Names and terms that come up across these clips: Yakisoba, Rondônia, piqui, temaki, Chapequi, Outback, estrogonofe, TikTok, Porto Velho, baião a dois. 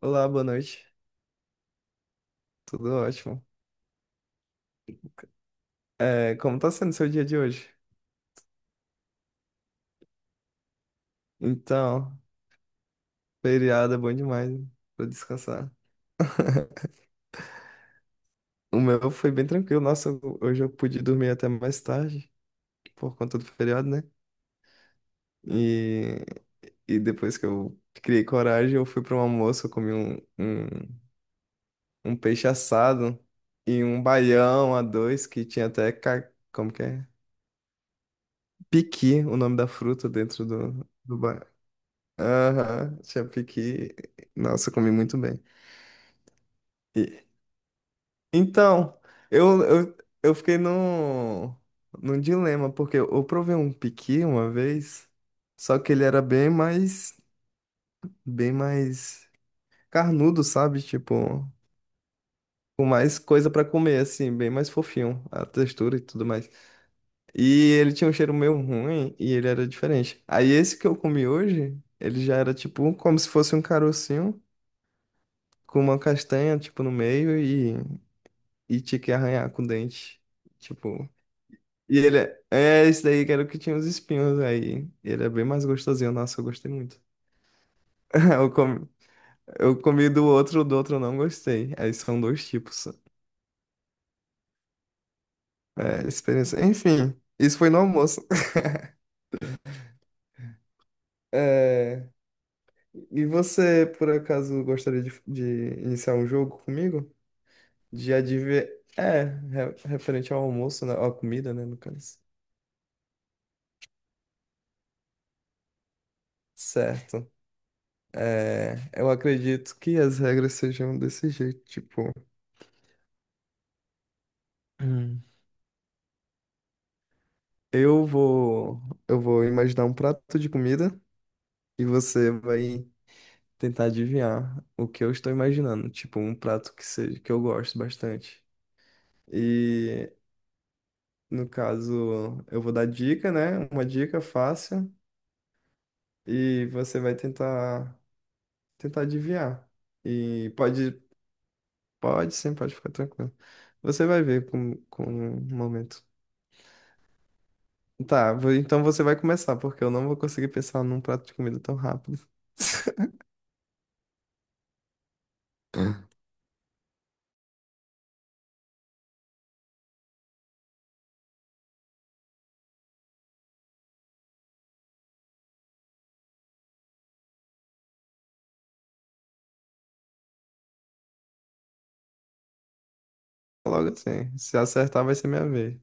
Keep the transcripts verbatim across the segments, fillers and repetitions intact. Olá, boa noite. Tudo ótimo. É, como tá sendo seu dia de hoje? Então, feriado é bom demais, né? Pra descansar. O meu foi bem tranquilo. Nossa, eu- hoje eu pude dormir até mais tarde, por conta do feriado, né? E, e depois que eu criei coragem, eu fui para um almoço, eu comi um, um, um peixe assado e um baião a dois, que tinha até, ca- como que é? Piqui, o nome da fruta dentro do, do, ba- Aham, Chapequi. Nossa, eu comi muito bem. E- então, eu, eu, eu fiquei num, num dilema, porque eu provei um piqui uma vez, só que ele era bem mais, bem mais carnudo, sabe? Tipo, com mais coisa pra comer, assim, bem mais fofinho, a textura e tudo mais. E ele tinha um cheiro meio ruim e ele era diferente. Aí esse que eu comi hoje, ele já era tipo como se fosse um carocinho com uma castanha, tipo, no meio e tinha que arranhar com o dente. Tipo. E ele é. É, esse daí que era o que tinha os espinhos aí. Ele é bem mais gostosinho. Nossa, eu gostei muito. Eu comi, eu comi do outro, do outro eu não gostei. Aí são dois tipos. É, experiência. Enfim, isso foi no almoço. É, e você, por acaso, gostaria de, de iniciar um jogo comigo? De adivinhar. É, re- referente ao almoço, né? Ou à comida, né, no caso. Certo. É, eu acredito que as regras sejam desse jeito, tipo, Hum. eu vou, eu vou, imaginar um prato de comida e você vai tentar adivinhar o que eu estou imaginando, tipo, um prato que seja que eu gosto bastante. E no caso, eu vou dar dica, né? Uma dica fácil e você vai tentar tentar adivinhar. E pode, pode sim, pode ficar tranquilo. Você vai ver com, com o momento. Tá, vo- então você vai começar, porque eu não vou conseguir pensar num prato de comida tão rápido. Logo assim, se acertar vai ser minha vez.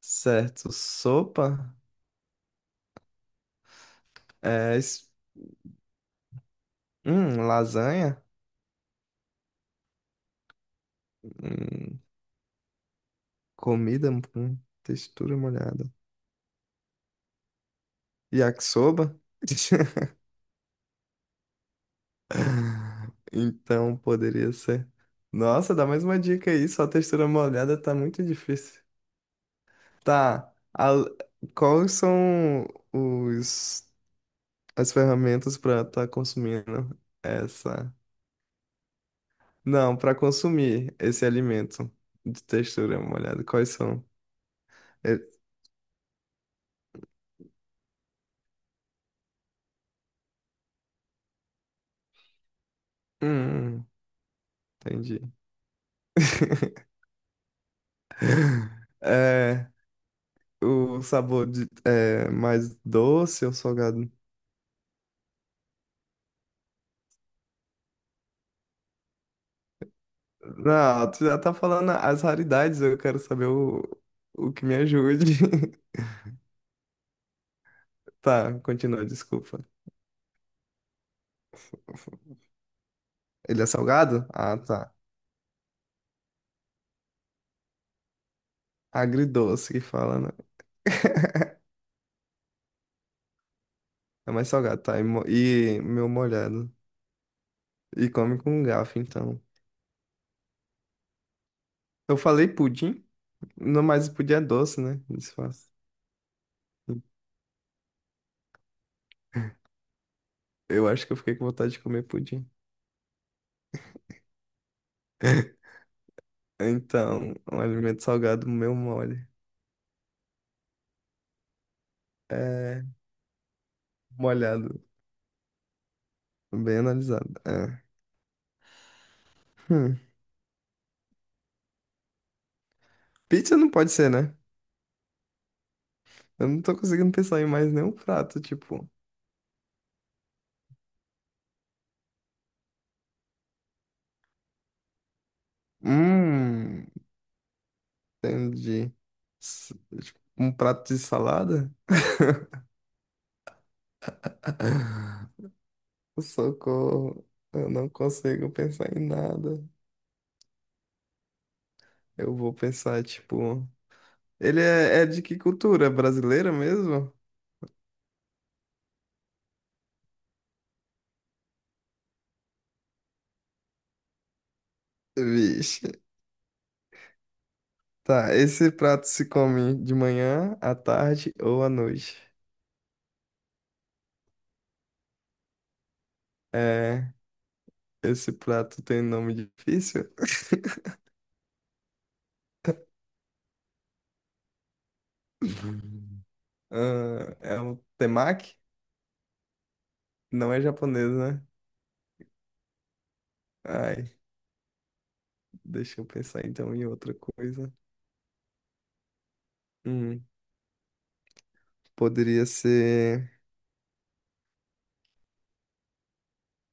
Certo, sopa, é, es- hum, lasanha, hum, comida com textura molhada. Yakisoba? Então poderia ser. Nossa, dá mais uma dica aí, só textura molhada tá muito difícil. Tá, a- quais são os as ferramentas para estar consumindo essa. Não, para consumir esse alimento de textura molhada. Quais são? É- Hum, entendi. É, o sabor de, é mais doce ou salgado? Não, tu já tá falando as raridades, eu quero saber o, o que me ajude. Tá, continua, desculpa. Ele é salgado? Ah, tá. Agridoce que fala, né? É mais salgado, tá? E, mo- e meu molhado. E come com garfo, então. Eu falei pudim, não, mas o pudim é doce, né? Disfarça. Eu acho que eu fiquei com vontade de comer pudim. Então, um alimento salgado, meu mole. É molhado, bem analisado. É. Hum. Pizza não pode ser, né? Eu não tô conseguindo pensar em mais nenhum prato, tipo. Hum, entendi. S- tipo, um prato de salada? Socorro, eu não consigo pensar em nada. Eu vou pensar, tipo. Ele é, é de que cultura? Brasileira mesmo? Vixe. Tá, esse prato se come de manhã, à tarde ou à noite? É, esse prato tem nome difícil? Ah, é um temaki? Não é japonês, né? Ai, deixa eu pensar então em outra coisa. Hum, poderia ser.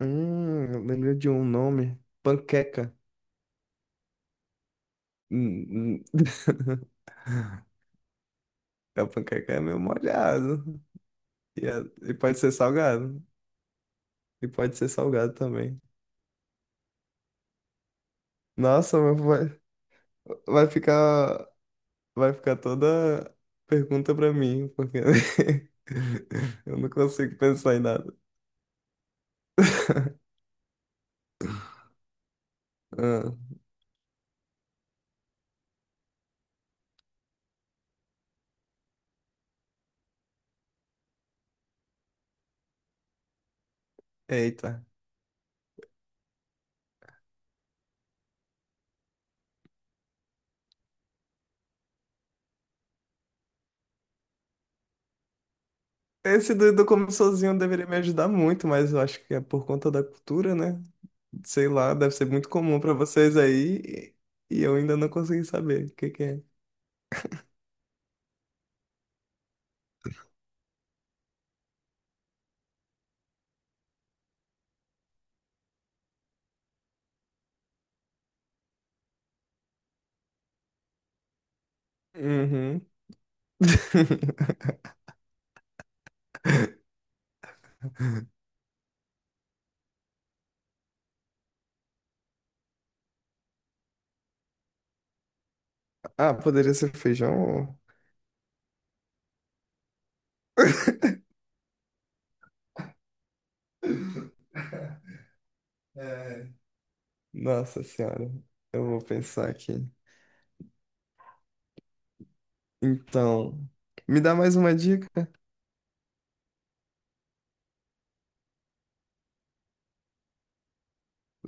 Hum, eu lembrei de um nome. Panqueca. Hum, hum, A panqueca é meio molhado. E, é- e pode ser salgado. E pode ser salgado também. Nossa, mas vai, vai ficar, vai ficar toda pergunta pra mim, porque eu não consigo pensar em nada. Ah, eita. Esse do, do como sozinho deveria me ajudar muito, mas eu acho que é por conta da cultura, né? Sei lá, deve ser muito comum pra vocês aí e, e eu ainda não consegui saber o que que é. Uhum. Ah, poderia ser feijão? É, nossa senhora, eu vou pensar aqui. Então, me dá mais uma dica?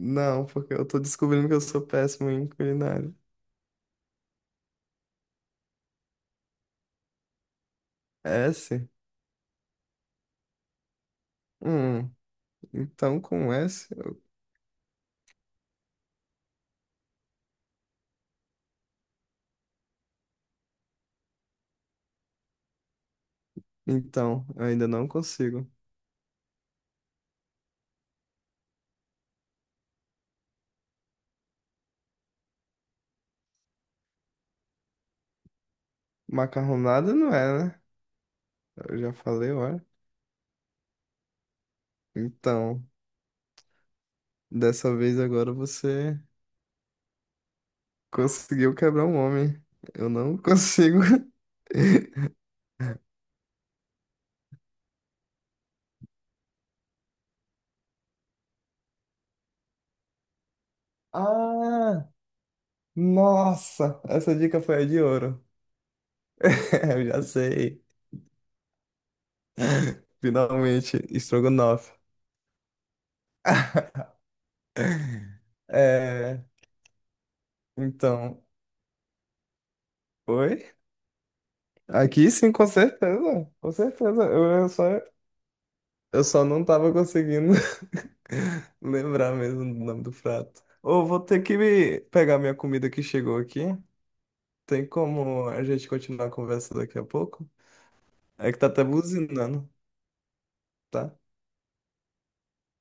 Não, porque eu tô descobrindo que eu sou péssimo em culinária. É S? Hum, então com S, eu- então, eu ainda não consigo. Macarronada não é, né? Eu já falei, olha. Então, dessa vez agora você conseguiu quebrar um homem. Eu não consigo. Ah! Nossa, essa dica foi a de ouro. Eu já sei. Finalmente, estrogonofe. É, então, oi? Aqui sim, com certeza. Com certeza. Eu, eu só, eu só não tava conseguindo lembrar mesmo do nome do prato. Ou vou ter que me- pegar minha comida que chegou aqui. Tem como a gente continuar a conversa daqui a pouco? É que tá até buzinando, tá?